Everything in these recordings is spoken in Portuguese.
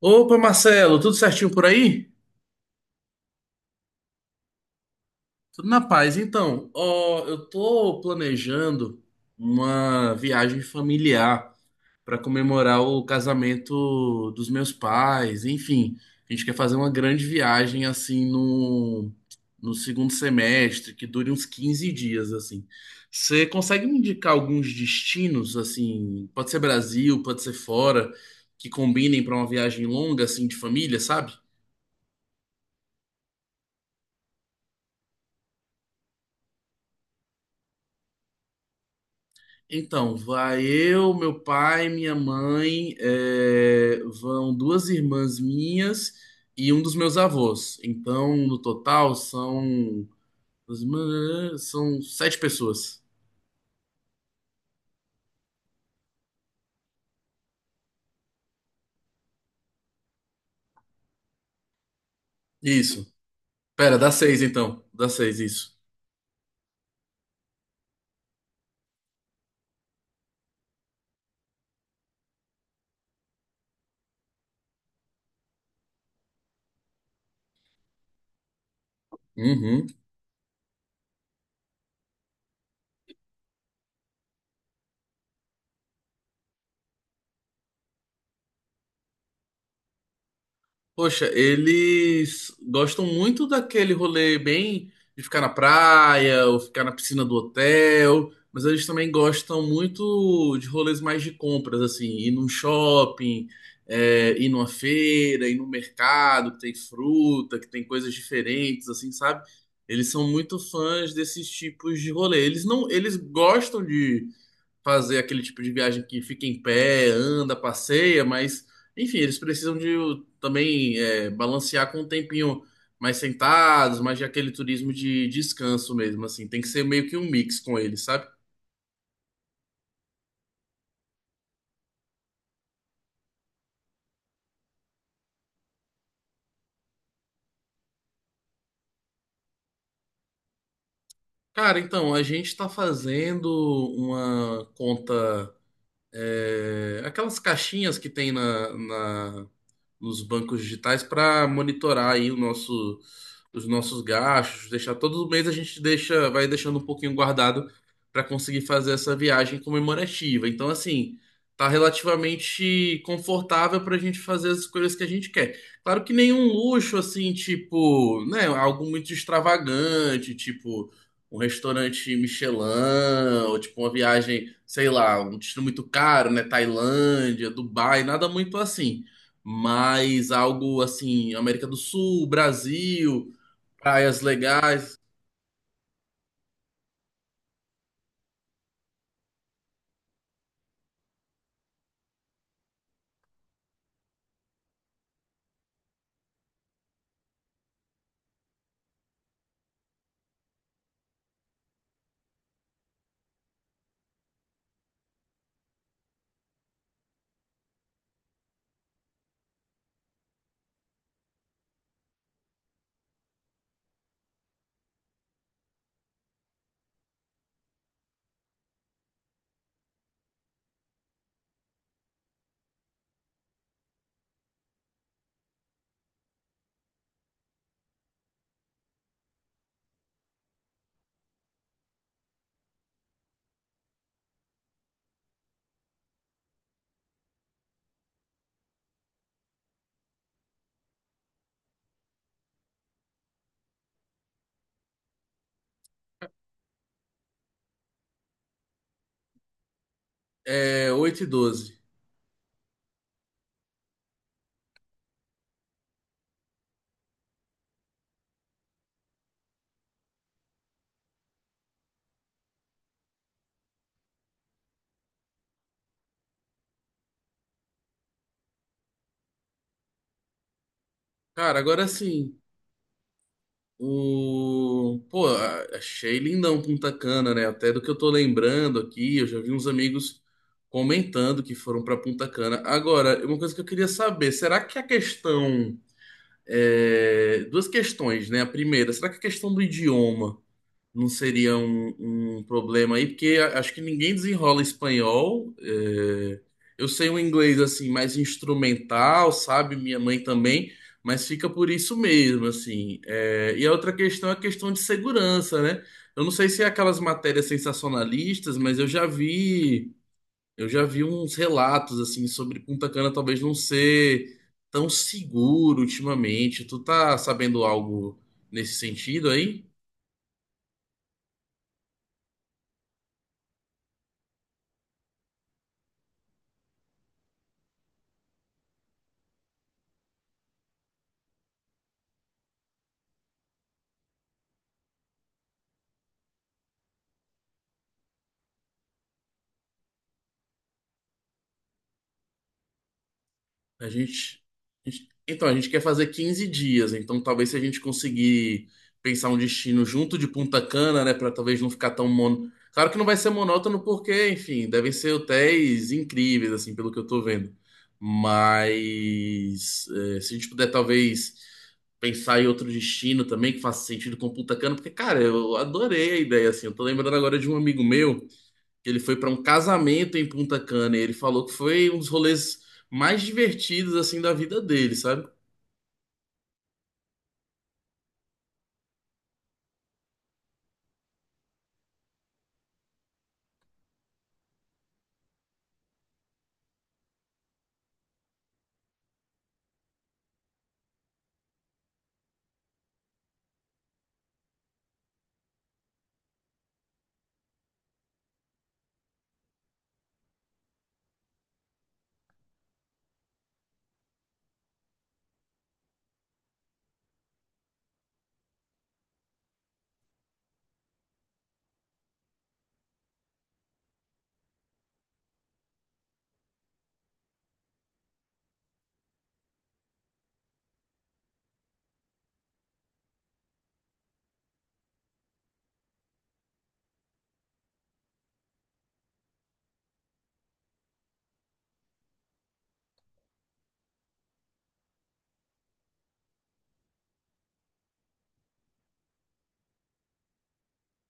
Opa, Marcelo, tudo certinho por aí? Tudo na paz. Então, ó, eu tô planejando uma viagem familiar para comemorar o casamento dos meus pais. Enfim, a gente quer fazer uma grande viagem assim no segundo semestre, que dure uns 15 dias assim. Você consegue me indicar alguns destinos assim? Pode ser Brasil, pode ser fora, que combinem para uma viagem longa assim de família, sabe? Então, vai eu, meu pai, minha mãe, vão duas irmãs minhas e um dos meus avós. Então, no total, São sete pessoas. Isso. Pera, dá seis então. Dá seis, isso. Uhum. Poxa, eles gostam muito daquele rolê bem de ficar na praia ou ficar na piscina do hotel, mas eles também gostam muito de rolês mais de compras, assim, ir num shopping, ir numa feira, ir no mercado que tem fruta, que tem coisas diferentes, assim, sabe? Eles são muito fãs desses tipos de rolê. Eles não, eles gostam fazer aquele tipo de viagem que fica em pé, anda, passeia, mas enfim, eles precisam de também balancear com um tempinho mais sentados, mais de aquele turismo de descanso mesmo, assim, tem que ser meio que um mix com eles, sabe? Cara, então, a gente tá fazendo uma conta aquelas caixinhas que tem nos bancos digitais para monitorar aí o nosso, os nossos gastos, deixar todo mês a gente deixa, vai deixando um pouquinho guardado para conseguir fazer essa viagem comemorativa. Então, assim, tá relativamente confortável para a gente fazer as escolhas que a gente quer. Claro que nenhum luxo assim, tipo, né, algo muito extravagante, tipo um restaurante Michelin, ou tipo uma viagem, sei lá, um destino muito caro, né? Tailândia, Dubai, nada muito assim. Mas algo assim, América do Sul, Brasil, praias legais, é oito e 12. Cara, agora sim, o. Pô, achei lindão Punta Cana, né? Até do que eu tô lembrando aqui, eu já vi uns amigos comentando que foram pra Punta Cana. Agora, uma coisa que eu queria saber, será que a questão duas questões, né? A primeira, será que a questão do idioma não seria um problema aí? Porque acho que ninguém desenrola espanhol. Eu sei um inglês assim mais instrumental, sabe? Minha mãe também, mas fica por isso mesmo, assim. E a outra questão é a questão de segurança, né? Eu não sei se é aquelas matérias sensacionalistas, mas eu já vi. Eu já vi uns relatos assim sobre Punta Cana talvez não ser tão seguro ultimamente. Tu tá sabendo algo nesse sentido aí? A gente, Então, a gente quer fazer 15 dias, então talvez se a gente conseguir pensar um destino junto de Punta Cana, né, para talvez não ficar tão mono. Claro que não vai ser monótono porque, enfim, devem ser hotéis incríveis, assim, pelo que eu tô vendo. Mas se a gente puder talvez pensar em outro destino também que faça sentido com Punta Cana, porque, cara, eu adorei a ideia, assim. Eu tô lembrando agora de um amigo meu que ele foi para um casamento em Punta Cana e ele falou que foi um dos rolês mais divertidos assim da vida dele, sabe?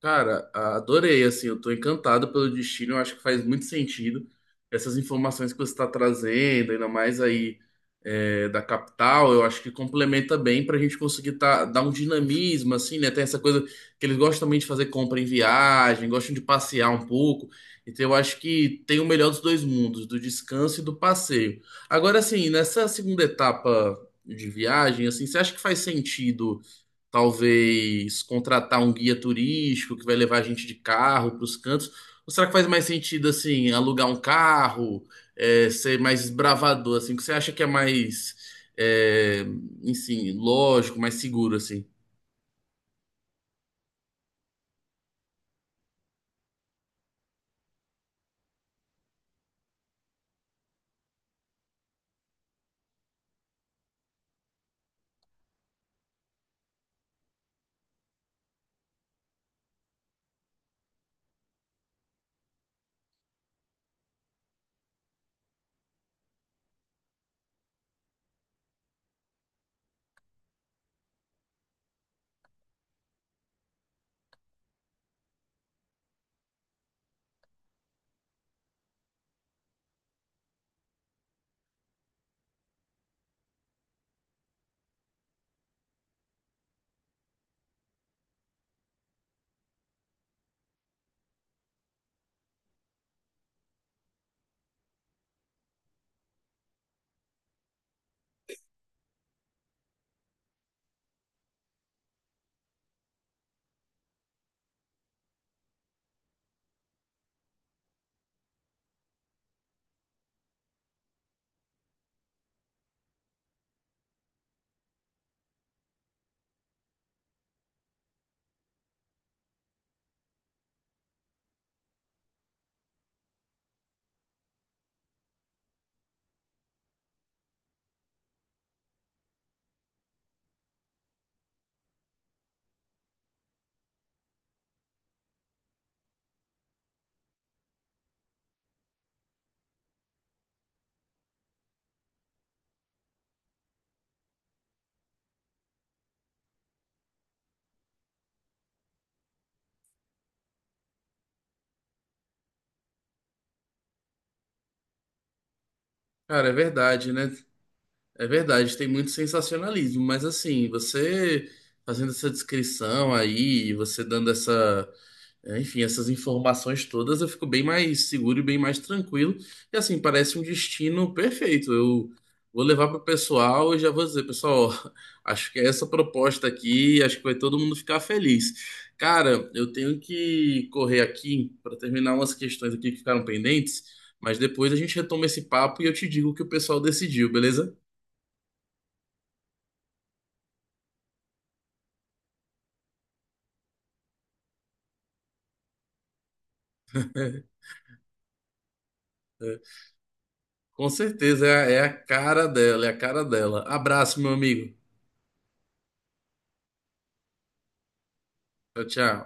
Cara, adorei, assim, eu tô encantado pelo destino, eu acho que faz muito sentido essas informações que você está trazendo, ainda mais aí da capital, eu acho que complementa bem pra gente conseguir tá, dar um dinamismo, assim, né? Tem essa coisa que eles gostam também de fazer compra em viagem, gostam de passear um pouco, então eu acho que tem o melhor dos dois mundos, do descanso e do passeio. Agora, assim, nessa segunda etapa de viagem, assim, você acha que faz sentido? Talvez contratar um guia turístico que vai levar a gente de carro para os cantos? Ou será que faz mais sentido, assim, alugar um carro, ser mais desbravador, assim? O que você acha que é mais, é, enfim, lógico, mais seguro, assim? Cara, é verdade, né? É verdade, tem muito sensacionalismo, mas assim, você fazendo essa descrição aí, você dando essa enfim, essas informações todas eu fico bem mais seguro e bem mais tranquilo. E assim, parece um destino perfeito. Eu vou levar para o pessoal e já vou dizer, pessoal, ó, acho que é essa proposta aqui, acho que vai todo mundo ficar feliz. Cara, eu tenho que correr aqui para terminar umas questões aqui que ficaram pendentes, mas depois a gente retoma esse papo e eu te digo o que o pessoal decidiu, beleza? É, com certeza é a cara dela, é a cara dela. Abraço, meu amigo. Tchau, tchau.